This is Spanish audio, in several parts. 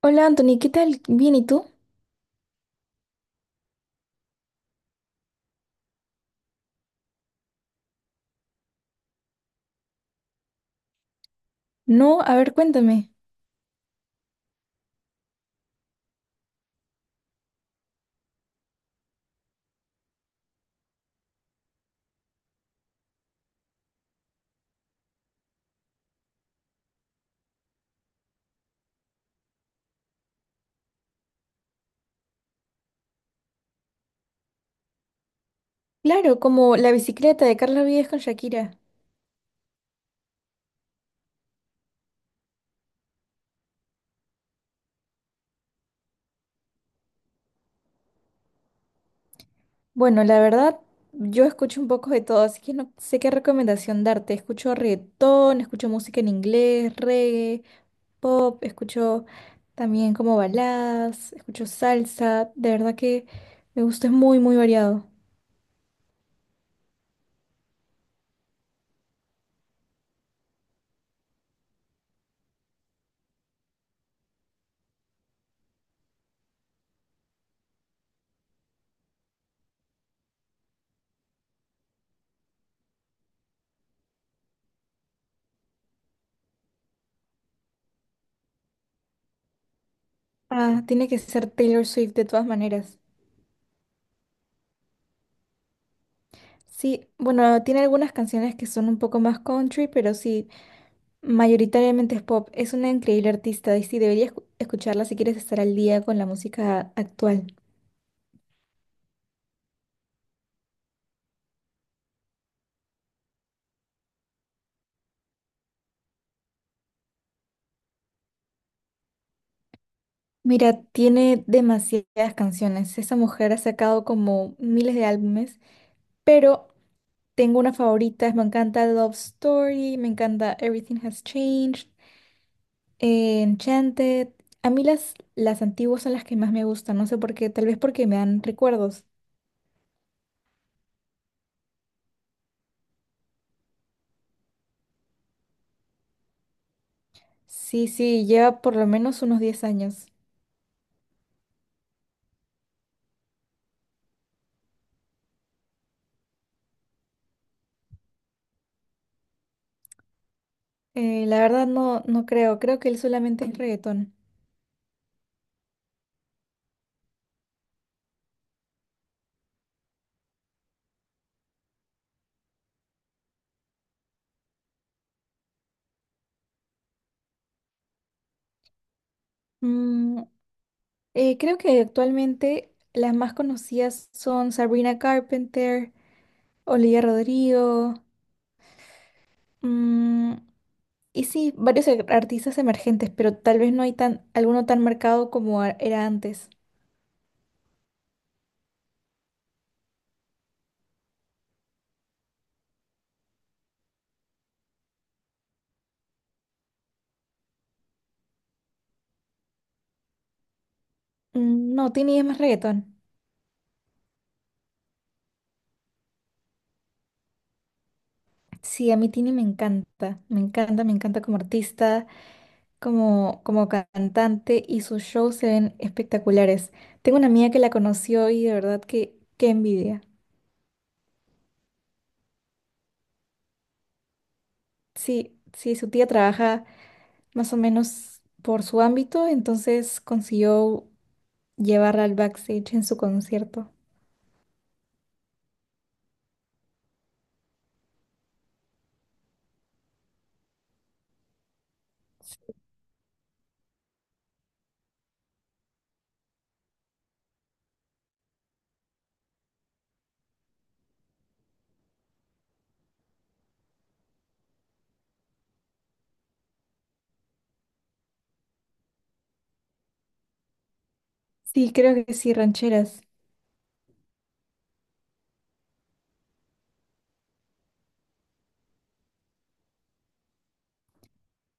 Hola Anthony, ¿qué tal? Bien, ¿y tú? No, a ver, cuéntame. Claro, como la bicicleta de Carlos Vives con Shakira. Bueno, la verdad, yo escucho un poco de todo, así que no sé qué recomendación darte. Escucho reggaetón, escucho música en inglés, reggae, pop, escucho también como baladas, escucho salsa. De verdad que me gusta, es muy, muy variado. Ah, tiene que ser Taylor Swift de todas maneras. Sí, bueno, tiene algunas canciones que son un poco más country, pero sí, mayoritariamente es pop. Es una increíble artista y sí, deberías escucharla si quieres estar al día con la música actual. Mira, tiene demasiadas canciones. Esa mujer ha sacado como miles de álbumes, pero tengo una favorita. Me encanta Love Story, me encanta Everything Has Changed, Enchanted. A mí las antiguas son las que más me gustan, no sé por qué, tal vez porque me dan recuerdos. Sí, sí, lleva por lo menos unos 10 años. La verdad no, no creo, creo que él solamente es reggaetón. Mm, creo que actualmente las más conocidas son Sabrina Carpenter, Olivia Rodrigo, mm, y sí, varios artistas emergentes, pero tal vez no hay tan, alguno tan marcado como era antes. Mm, no, Tini es más reggaetón. Sí, a mí Tini me encanta, me encanta, me encanta como artista, como cantante, y sus shows se ven espectaculares. Tengo una amiga que la conoció y de verdad que qué envidia. Sí, sí, su tía trabaja más o menos por su ámbito, entonces consiguió llevarla al backstage en su concierto. Sí, creo que sí, rancheras.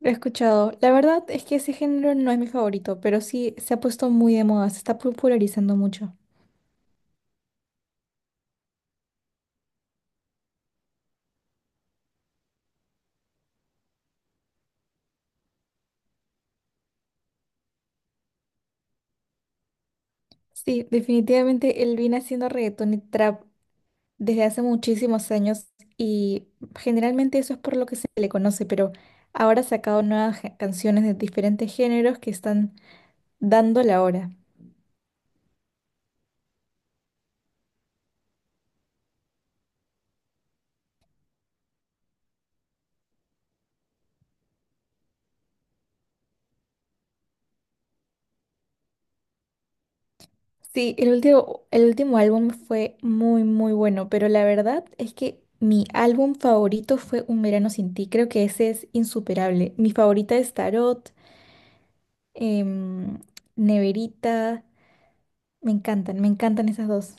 Lo he escuchado. La verdad es que ese género no es mi favorito, pero sí se ha puesto muy de moda, se está popularizando mucho. Sí, definitivamente él viene haciendo reggaetón y trap desde hace muchísimos años y generalmente eso es por lo que se le conoce, pero ahora ha sacado nuevas canciones de diferentes géneros que están dando la hora. Sí, el último álbum fue muy, muy bueno, pero la verdad es que mi álbum favorito fue Un Verano Sin Ti. Creo que ese es insuperable. Mi favorita es Tarot, em, Neverita. Me encantan esas dos.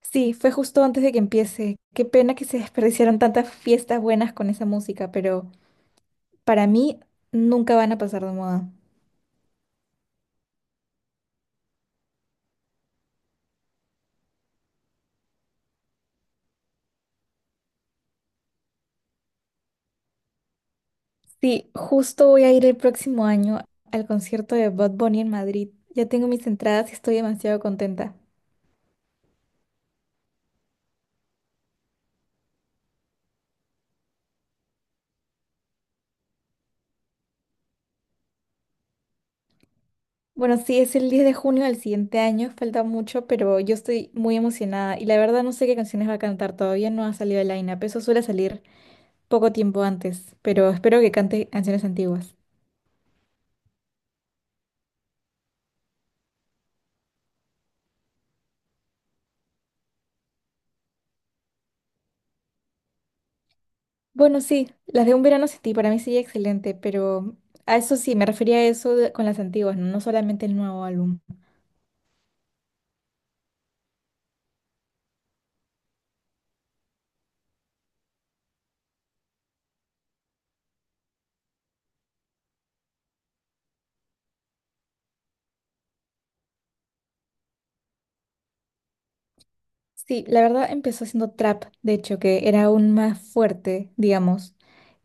Sí, fue justo antes de que empiece. Qué pena que se desperdiciaron tantas fiestas buenas con esa música, pero para mí nunca van a pasar de moda. Sí, justo voy a ir el próximo año al concierto de Bud Bunny en Madrid. Ya tengo mis entradas y estoy demasiado contenta. Bueno, sí, es el 10 de junio del siguiente año, falta mucho, pero yo estoy muy emocionada y la verdad no sé qué canciones va a cantar, todavía no ha salido el line-up, eso suele salir poco tiempo antes, pero espero que cante canciones antiguas. Bueno, sí, las de Un verano sin ti para mí sería excelente, pero a eso sí, me refería a eso con las antiguas, no solamente el nuevo álbum. Sí, la verdad empezó siendo trap, de hecho, que era aún más fuerte, digamos,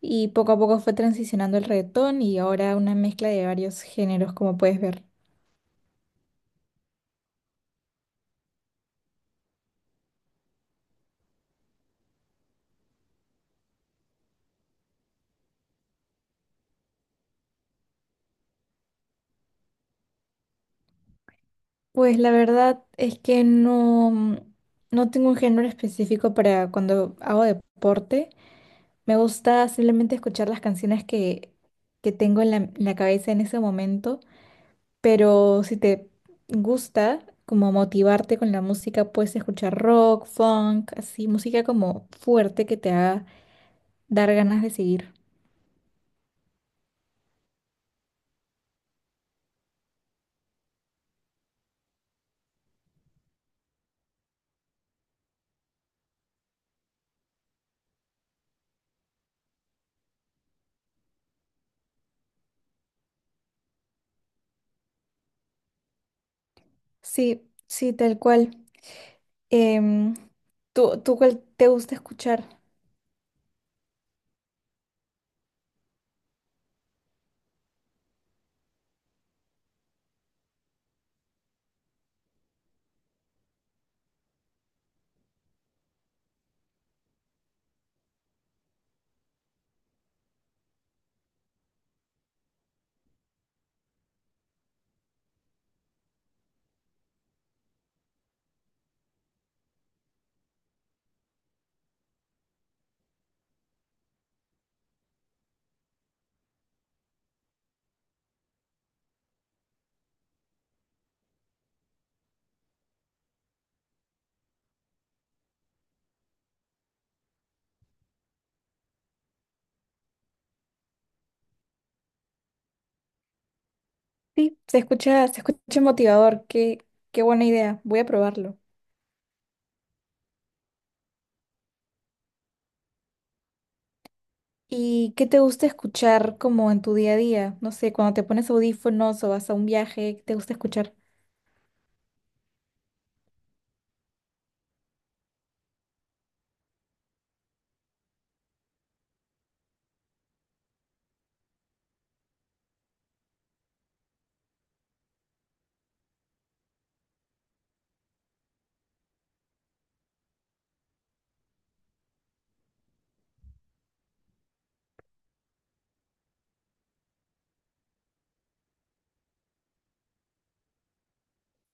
y poco a poco fue transicionando el reggaetón y ahora una mezcla de varios géneros, como puedes ver. Pues la verdad es que no, no tengo un género específico para cuando hago deporte. Me gusta simplemente escuchar las canciones que tengo en la cabeza en ese momento. Pero si te gusta como motivarte con la música, puedes escuchar rock, funk, así, música como fuerte que te haga dar ganas de seguir. Sí, sí, tal cual. Em, ¿tú cuál te gusta escuchar? Sí, se escucha motivador, qué, qué buena idea, voy a probarlo. ¿Y qué te gusta escuchar como en tu día a día? No sé, cuando te pones audífonos o vas a un viaje, ¿qué te gusta escuchar?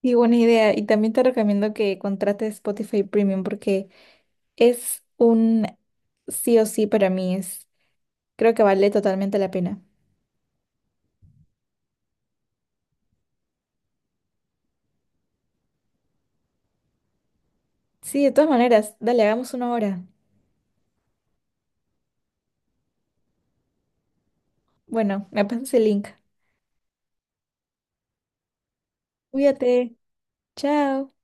Sí, buena idea. Y también te recomiendo que contrates Spotify Premium porque es un sí o sí para mí, es, creo que vale totalmente la pena. Sí, de todas maneras, dale, hagamos una hora. Bueno, me pasas el link. Cuídate, chao.